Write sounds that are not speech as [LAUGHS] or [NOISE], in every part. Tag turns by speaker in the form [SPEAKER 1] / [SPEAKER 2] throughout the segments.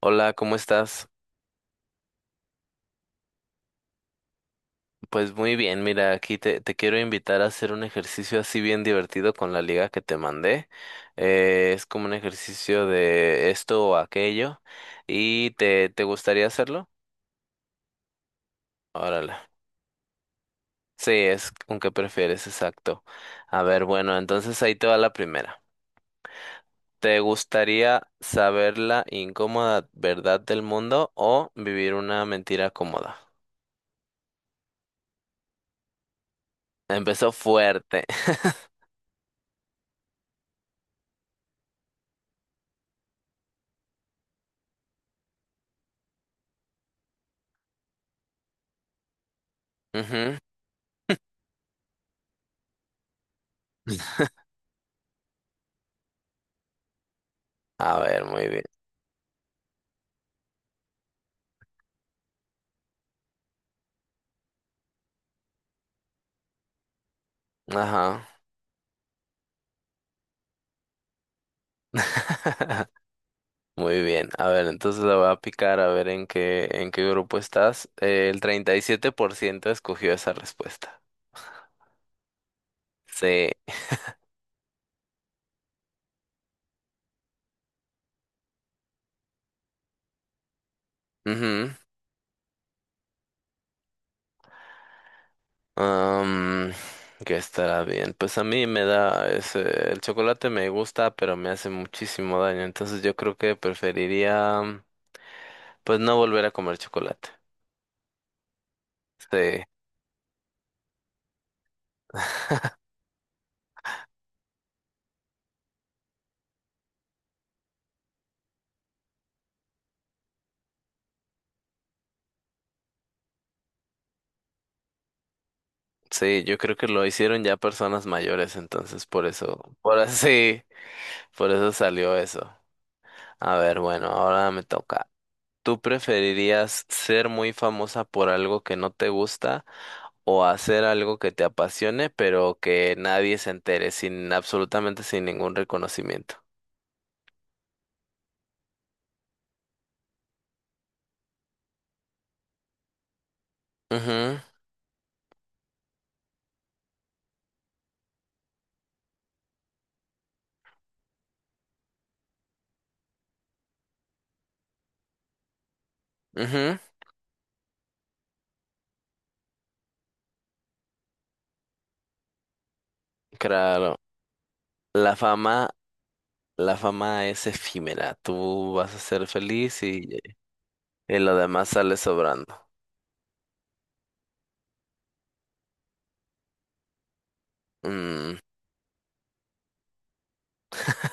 [SPEAKER 1] Hola, ¿cómo estás? Pues muy bien, mira, aquí te quiero invitar a hacer un ejercicio así bien divertido con la liga que te mandé. Es como un ejercicio de esto o aquello. ¿Y te gustaría hacerlo? Órale. Sí, es con qué prefieres, exacto. A ver, bueno, entonces ahí te va la primera. ¿Te gustaría saber la incómoda verdad del mundo o vivir una mentira cómoda? Empezó fuerte. [LAUGHS] Ujú. A ver, muy bien. Ajá. [LAUGHS] Muy bien, a ver, entonces la voy a picar a ver en qué grupo estás. El 37% escogió esa respuesta. Sí. Ujú. Am, que estará bien. Pues a mí me da ese, el chocolate me gusta, pero me hace muchísimo daño. Entonces yo creo que preferiría, pues no volver a comer chocolate. Sí, sí, yo creo que lo hicieron ya personas mayores, entonces por eso, por [LAUGHS] así, por eso salió eso. A ver, bueno, ahora me toca. ¿Tú preferirías ser muy famosa por algo que no te gusta o hacer algo que te apasione pero que nadie se entere sin absolutamente sin ningún reconocimiento? Ujú, ujú, claro. La fama, la fama es efímera. Tú vas a ser feliz y lo demás sale sobrando. Mm,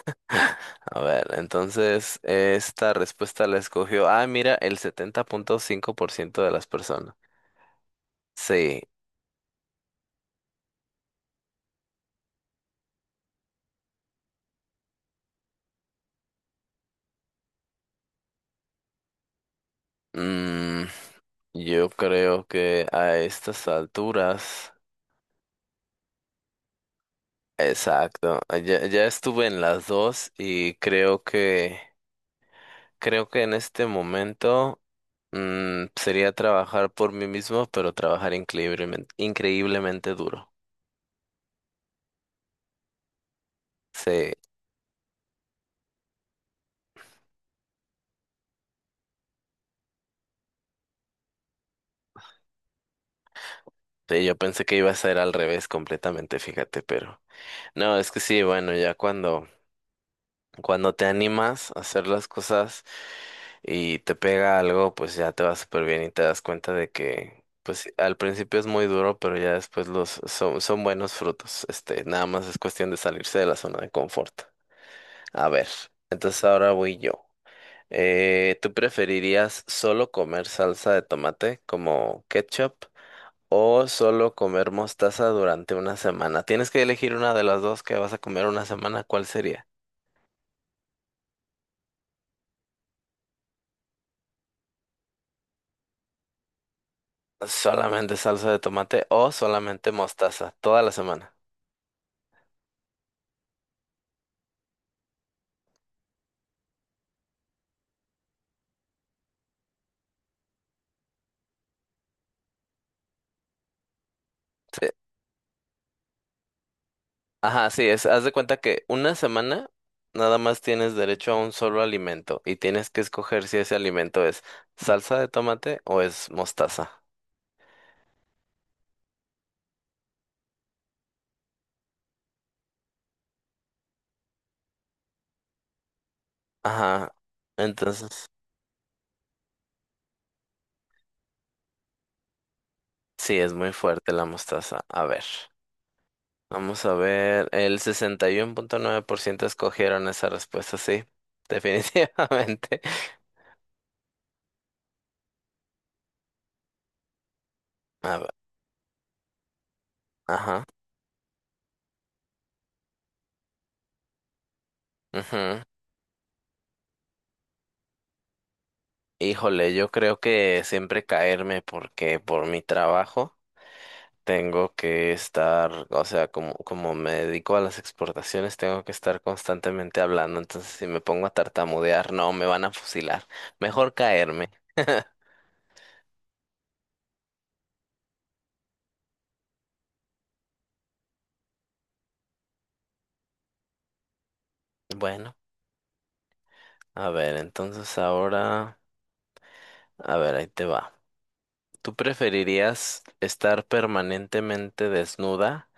[SPEAKER 1] [LAUGHS] a ver, entonces esta respuesta la escogió. Ah, mira, el 70.5% de las personas. Sí, mm, yo creo que a estas alturas, exacto, ya, ya estuve en las dos y creo que en este momento sería trabajar por mí mismo, pero trabajar increíblemente, increíblemente duro. Sí, sí, yo pensé que iba a ser al revés completamente, fíjate, pero no, es que sí, bueno, ya cuando... Cuando te animas a hacer las cosas y te pega algo, pues ya te va súper bien y te das cuenta de que, pues sí, al principio es muy duro, pero ya después son buenos frutos. Este, nada más es cuestión de salirse de la zona de confort. A ver, entonces ahora voy yo. ¿Tú preferirías solo comer salsa de tomate como ketchup o solo comer mostaza durante una semana? Tienes que elegir una de las dos que vas a comer una semana, ¿cuál sería? Solamente salsa de tomate o solamente mostaza, toda la semana. Sí. Ajá, sí, haz de cuenta que una semana nada más tienes derecho a un solo alimento y tienes que escoger si ese alimento es salsa de tomate o es mostaza. Ajá, entonces sí, es muy fuerte la mostaza. A ver, vamos a ver, el 61.9% escogieron esa respuesta, sí, [LAUGHS] definitivamente. A ver, ajá. Ujú. Híjole, yo creo que siempre caerme porque por mi trabajo tengo que estar, o sea, como me dedico a las exportaciones, tengo que estar constantemente hablando, entonces si me pongo a tartamudear, no, me van a fusilar. Mejor caerme. Bueno, a ver, entonces ahora, a ver, ahí te va. ¿Tú preferirías estar permanentemente desnuda,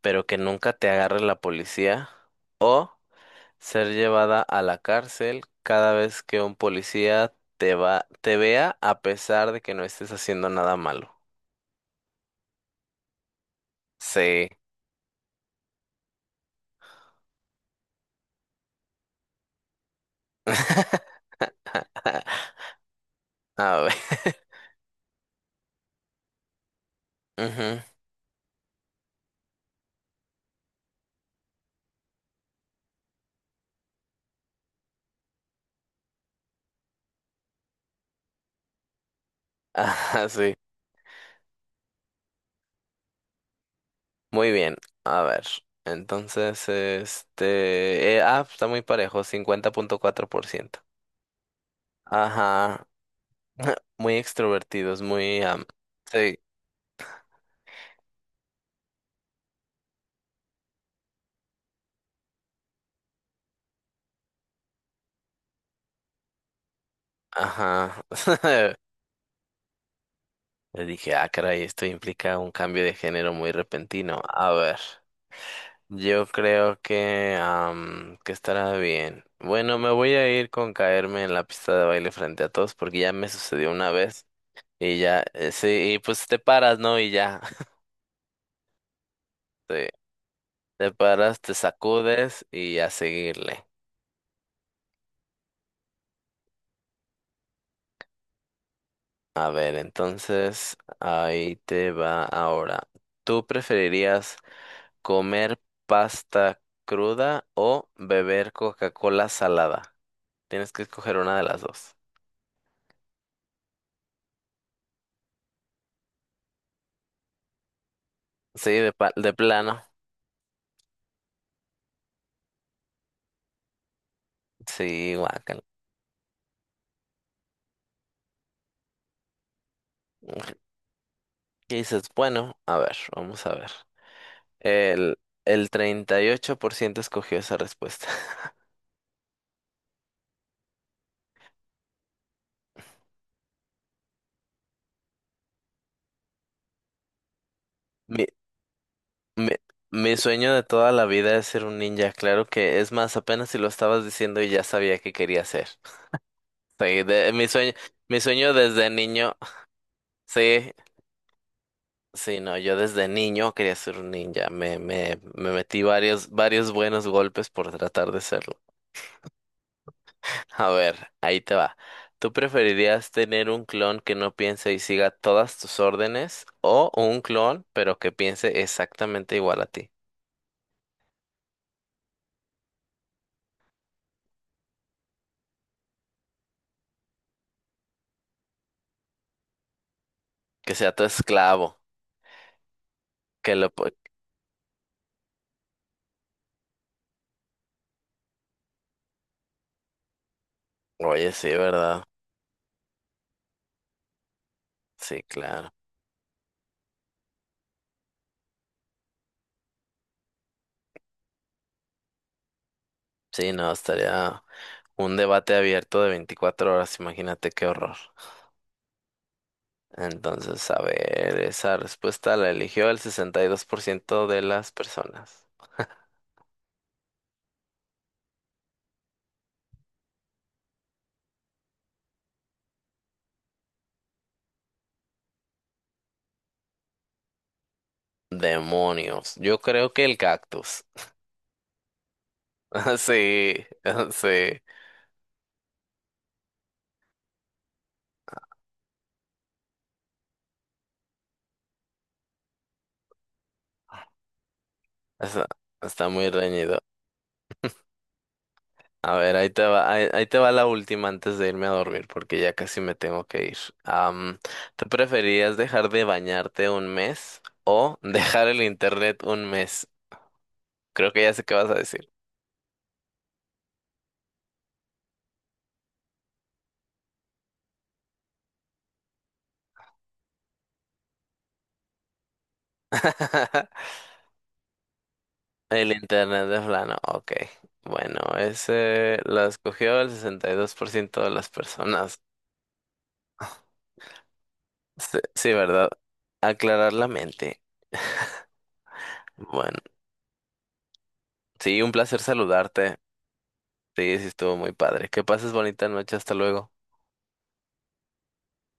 [SPEAKER 1] pero que nunca te agarre la policía? Ser llevada a la cárcel cada vez que un policía te vea a pesar de que no estés haciendo nada malo. Sí. [LAUGHS] A ver. Ujú. [LAUGHS] Ajá, sí. Muy bien. A ver. Entonces, está muy parejo, 50.4%. Ajá. [LAUGHS] Muy extrovertidos, muy... sí. Ajá. [LAUGHS] Le dije, ah, caray, esto implica un cambio de género muy repentino. A ver. Yo creo que estará bien. Bueno, me voy a ir con caerme en la pista de baile frente a todos porque ya me sucedió una vez y ya, sí, y pues te paras, ¿no? Y ya, [LAUGHS] sí, te paras, te sacudes y a seguirle. A ver, entonces ahí te va ahora. ¿Tú preferirías comer pasta cruda o beber Coca-Cola salada? Tienes que escoger una de las dos. Sí, de plano. Sí, guácala. ¿Qué dices? Bueno, a ver, vamos a ver. El, el 38% escogió esa respuesta. [LAUGHS] Mi, mi, mi sueño de toda la vida es ser un ninja. Claro que es más, apenas si lo estabas diciendo y ya sabía que quería ser. Sí, mi sueño desde niño. Sí, sí, no, yo desde niño quería ser un ninja. Me metí varios buenos golpes por tratar de serlo. A ver, ahí te va. ¿Tú preferirías tener un clon que no piense y siga todas tus órdenes o un clon pero que piense exactamente igual a ti? Que sea tu esclavo, que lo... Oye, sí, ¿verdad? Sí, claro. Sí, no, estaría un debate abierto de 24 horas, imagínate qué horror. Entonces, a ver, esa respuesta la eligió el 62% de las personas. Demonios, yo creo que el cactus. [LAUGHS] Sí, [LAUGHS] sí. Está, está muy reñido. A ver, ahí te va, ahí te va la última antes de irme a dormir, porque ya casi me tengo que ir. Am, ¿Tú preferías dejar de bañarte un mes o [LAUGHS] dejar el internet un mes? Creo que ya sé qué vas a decir. [LAUGHS] El internet de plano, ok. Bueno, ese la escogió el 62% de las personas. Sí, sí, ¿verdad? Aclarar la mente. [LAUGHS] Bueno, sí, un placer saludarte. Sí, sí, estuvo muy padre. Que pases bonita noche, hasta luego.